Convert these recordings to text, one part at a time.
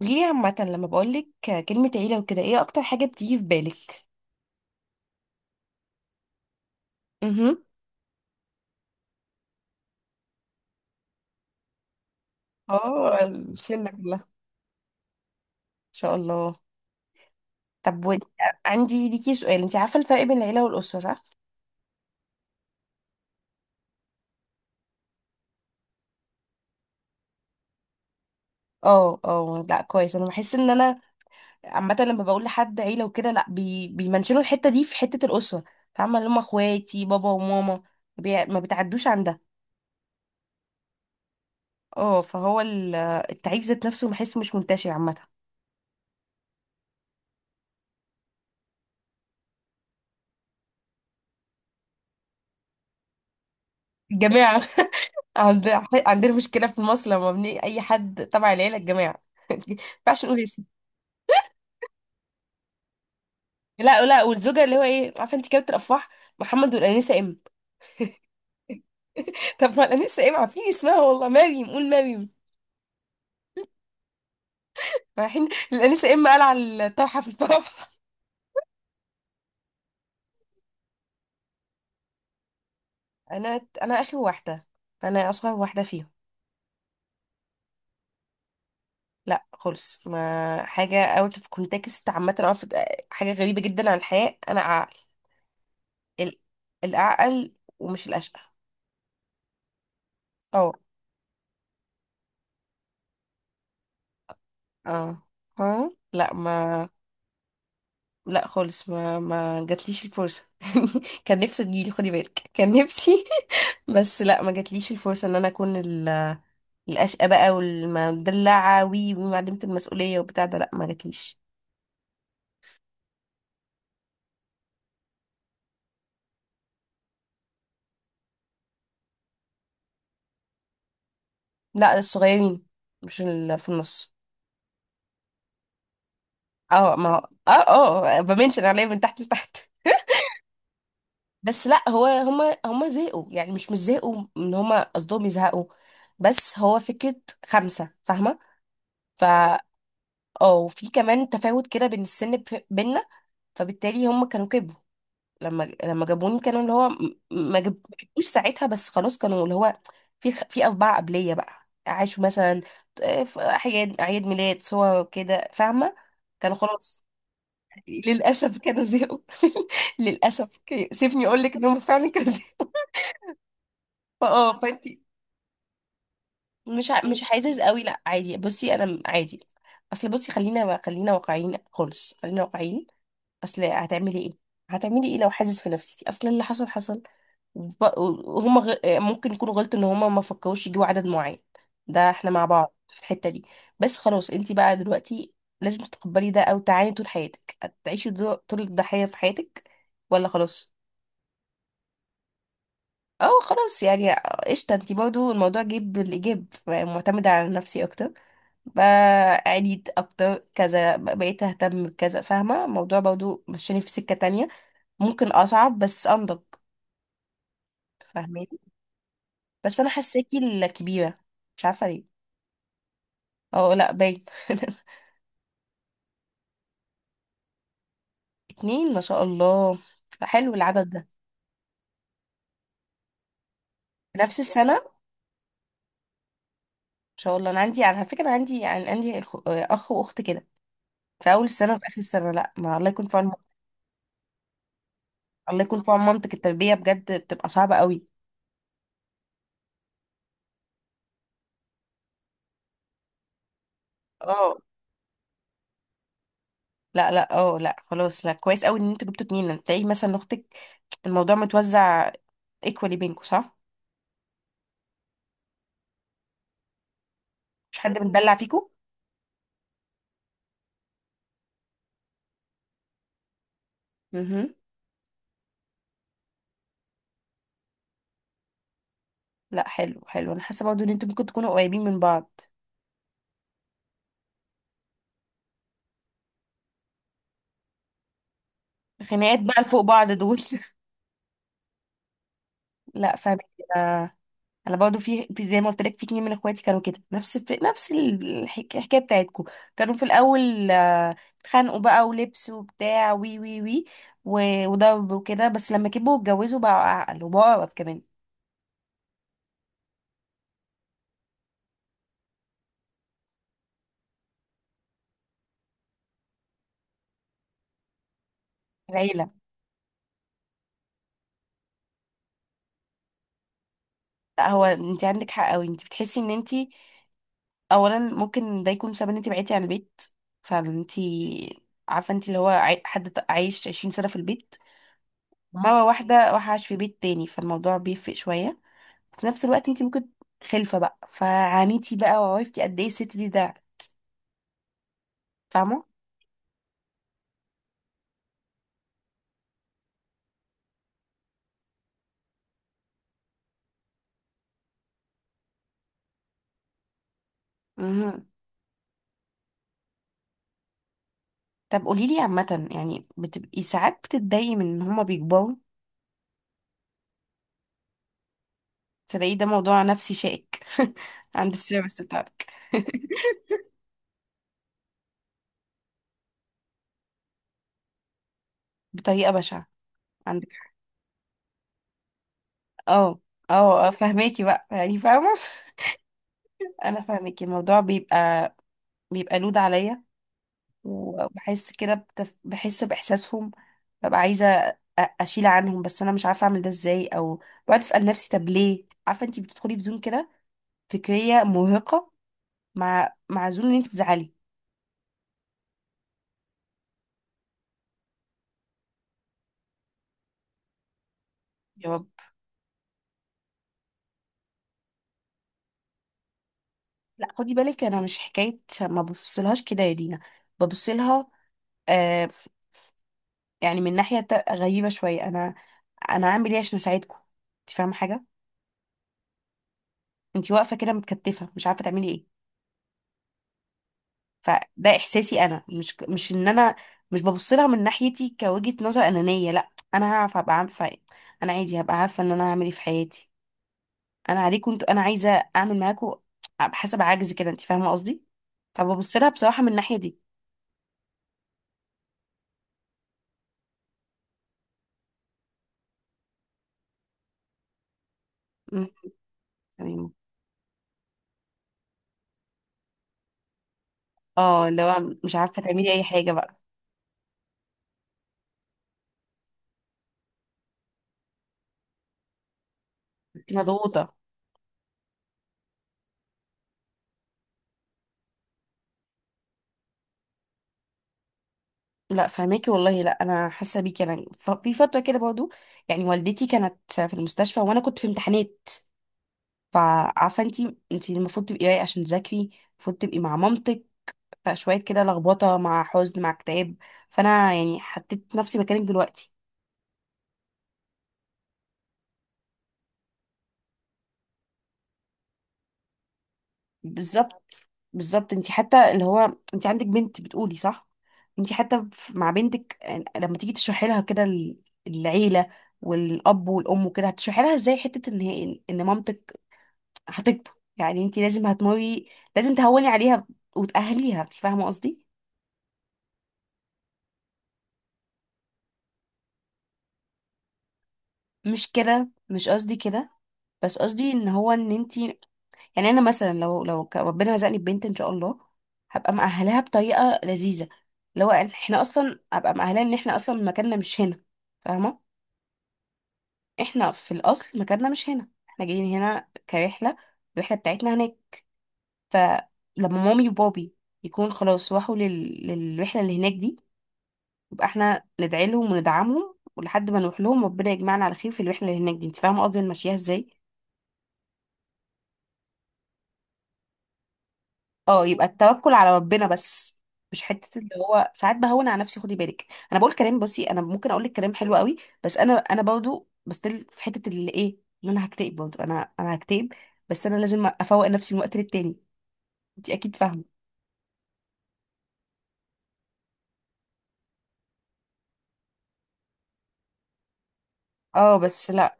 قوليلي عامة لما بقولك كلمة عيلة وكده ايه أكتر حاجة بتيجي في بالك؟ مهم. اه الشلة كلها ان شاء الله. طب عندي ليكي سؤال، انت عارفة الفرق بين العيلة والأسرة صح؟ اه، اه، لا كويس، انا بحس ان انا عامة لما بقول لحد عيلة وكده، لا بيمنشنوا الحتة دي في حتة الأسرة، فاهمة؟ اللي هم اخواتي بابا وماما، ما بتعدوش عن ده. اه، التعريف ذات نفسه بحسه مش منتشر عامة. الجماعة. عند- عندنا مشكلة في مصر لما بني أي حد تبع العيلة الجماعة. ما ينفعش نقول اسم. لا لا، والزوجة اللي هو ايه، عارفة انت كابتن الأفراح محمد والأنسة إم؟ طب ما الأنسة إم عارفين اسمها والله، مريم، قول مريم. رايحين الأنسة إم، قال على الطرحة في الطرح. أنا آخر واحدة، أنا أصغر واحدة فيهم. لا خالص، ما حاجة اوت اوف كونتكست عامة، حاجة غريبة جدا عن الحياة. أنا عقل، ال- الأعقل ومش الأشقى. اه، اه. ها لا ما لا خالص، ما جاتليش الفرصة. كان نفسي تجيلي، خدي بالك، كان نفسي. بس لا، ما جاتليش الفرصة ان انا اكون الاشقى بقى والمدلعة وي ومعلمة المسؤولية وبتاع ده. لا، ما جاتليش. لا، الصغيرين، مش ال- في النص. اه، ما هو- اه، اه، بمنشن عليا من تحت لتحت. بس لا، هو هما زهقوا يعني، مش زهقوا ان هما قصدهم يزهقوا، بس هو فكرة خمسة، فاهمة؟ ف اه، وفي كمان تفاوت كده بين السن بينا، فبالتالي هم كانوا كبروا. لما جابوني كانوا اللي هو ما جابوش ساعتها، بس خلاص كانوا اللي هو، في أطباع قبلية بقى عاشوا، مثلا آه، في أعياد، أعياد ميلاد، صور كده، فاهمة؟ كانوا خلاص. للأسف كانوا زهقوا. للأسف سيبني أقول لك إن هم فعلا كانوا زهقوا. فأنتي. مش مش حاسس قوي، لا عادي، بصي، أنا عادي. أصل بصي، خلينا واقعيين خالص، خلينا واقعيين. اصل هتعملي ايه؟ هتعملي ايه لو حاسس في نفسيتي؟ اصل اللي حصل حصل. وب- وهم ممكن يكونوا غلطوا ان هم ما فكروش يجيبوا عدد معين، ده احنا مع بعض في الحتة دي. بس خلاص، انت بقى دلوقتي لازم تتقبلي ده او تعاني طول حياتك، هتعيشي طول الضحية في حياتك، ولا خلاص. اه خلاص يعني. قشطة، انت برضو الموضوع جيب بالايجاب، معتمدة على نفسي اكتر بقى، عانيت اكتر كذا، بقيت اهتم بكذا، فاهمة؟ الموضوع برضو مشاني في سكة تانية، ممكن اصعب بس انضج. فاهماني. بس انا حاساكي الكبيره، مش عارفه ليه. اه لا باين. اتنين، ما شاء الله، حلو العدد ده. في نفس السنه، ما شاء الله. انا عندي على فكره، أنا عندي يعني عندي اخ، أخ واخت كده، في اول السنه وفي اخر السنه. لا ما، الله يكون في عون. الله يكون في عون مامتك، التربيه بجد بتبقى صعبه قوي. اه، لا لا، اه، لا خلاص، لا كويس قوي ان انتوا جبتوا اتنين، تلاقي مثلا اختك الموضوع متوزع ايكوالي بينكوا، صح؟ مش حد متدلع فيكوا. مهم. لا حلو حلو، انا حاسه برضه ان انتوا ممكن تكونوا قريبين من بعض. خناقات بقى لفوق بعض دول. لا فاهمه. انا، انا برضه في، زي ما قلت لك، في اتنين من اخواتي كانوا كده نفس، في نفس الحكايه بتاعتكم. كانوا في الاول آه، اتخانقوا بقى ولبس وبتاع وي وي وي، وضرب وكده، بس لما كبروا واتجوزوا بقوا اعقل وبقوا اقرب كمان. العيله. لا هو انت عندك حق قوي، انت بتحسي ان انت اولا ممكن ده يكون سبب ان انت بعدتي عن البيت، فانت عارفه انت اللي هو عايش 20 سنه في البيت، مره واحده راح عاش في بيت تاني، فالموضوع بيفرق شويه. في نفس الوقت انت ممكن خلفه بقى، فعانيتي بقى وعرفتي قد ايه الست دي، ده فاهمه. مهم. طب قولي لي عامه، يعني بتبقي ساعات بتتضايقي من ان هما بيكبروا؟ تلاقي ده موضوع نفسي شائك عند السيرفس بتاعتك. بطريقه بشعه، عندك حق. اه، اه، آه، فهماكي بقى، يعني فاهمه. انا فاهمك، الموضوع بيبقى، بيبقى لود عليا، وبحس كده بحس باحساسهم، ببقى عايزه اشيل عنهم، بس انا مش عارفه اعمل ده ازاي، او بقعد اسال نفسي طب ليه؟ عارفه انت بتدخلي في زون كده فكريه مرهقه مع مع زون ان انت بتزعلي. يا رب. لا خدي بالك، انا مش حكايه ما ببصلهاش كده يا دينا، ببصلها، آه، يعني من ناحيه غريبه شويه، انا، انا هعمل ايه عشان اساعدكم؟ انت فاهمه حاجه؟ انت واقفه كده متكتفه، مش عارفه تعملي ايه، فده احساسي. انا مش، مش ان انا مش ببص لها من ناحيتي كوجهة نظر انانية، لا، انا هعرف، ابقى عارفة، انا عادي هبقى عارفة ان انا هعمل ايه في حياتي، انا عليكم انتوا انا عايزة اعمل معاكم حسب عجز كده، انت فاهمة قصدي؟ فببص لها بصراحة من الناحية دي. مم. تمام. اه، اللي هو مش عارفة تعملي اي حاجة بقى. انت مضغوطة. لا فهماكي والله، لا انا حاسة بيكي، انا في فترة كده برضو، يعني والدتي كانت في المستشفى وانا كنت في امتحانات، فعارفه انت، انت المفروض تبقي رايقه عشان تذاكري، المفروض تبقي مع مامتك، فشويه كده لخبطه مع حزن مع اكتئاب، فانا يعني حطيت نفسي مكانك دلوقتي. بالظبط. بالظبط، انت حتى اللي هو انت عندك بنت، بتقولي صح، انت حتى مع بنتك آه، لما تيجي تشرحي لها كده العيله والاب والام وكده، هتشرحي لها ازاي حته ان هي ان مامتك هتكبر؟ يعني انت لازم هتمري، لازم تهوني عليها وتأهليها، انت فاهمه قصدي؟ مش كده، مش قصدي كده، بس قصدي ان هو ان انتي، يعني انا مثلا لو ربنا رزقني ببنت ان شاء الله، هبقى مأهلاها بطريقه لذيذه، لو إن احنا اصلا، هبقى مأهلاها ان احنا اصلا مكاننا مش هنا، فاهمه؟ احنا في الاصل مكاننا مش هنا، احنا جايين هنا كرحله، الرحله بتاعتنا هناك، فلما مامي وبابي يكون خلاص راحوا للرحله اللي هناك دي، يبقى احنا ندعي لهم وندعمهم ولحد ما نروح لهم ربنا يجمعنا على خير في الرحله اللي هناك دي، انت فاهمه قصدي أنا ماشياها ازاي؟ اه، يبقى التوكل على ربنا بس، مش حته اللي هو ساعات بهون على نفسي، خدي بالك، انا بقول كلام، بصي، انا ممكن اقول لك كلام حلو قوي، بس انا برضه بستل في حته اللي ايه، ان انا هكتئب برضه، انا هكتئب، بس انا لازم افوق نفسي من وقت للتاني، انت اكيد فاهمه. اه بس لا،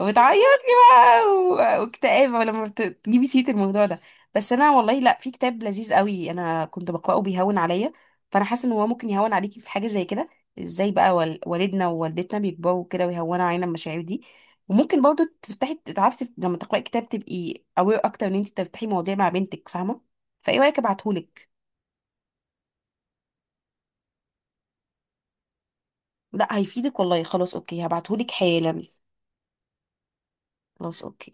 وتعيط لي بقى، واكتئاب لما تجيبي سيرة الموضوع ده، بس انا والله، لا في كتاب لذيذ قوي انا كنت بقراه بيهون عليا، فانا حاسه ان هو ممكن يهون عليكي في حاجه زي كده، ازاي بقى والدنا ووالدتنا بيكبروا كده ويهونوا علينا المشاعر دي، وممكن برضو تفتحي تعرفي لما تقراي كتاب تبقي اوير اكتر، ان انت تفتحي مواضيع مع بنتك، فاهمه؟ فايه رايك ابعتهولك؟ لا هيفيدك والله، خلاص اوكي هبعتهولك حالا. خلاص اوكي.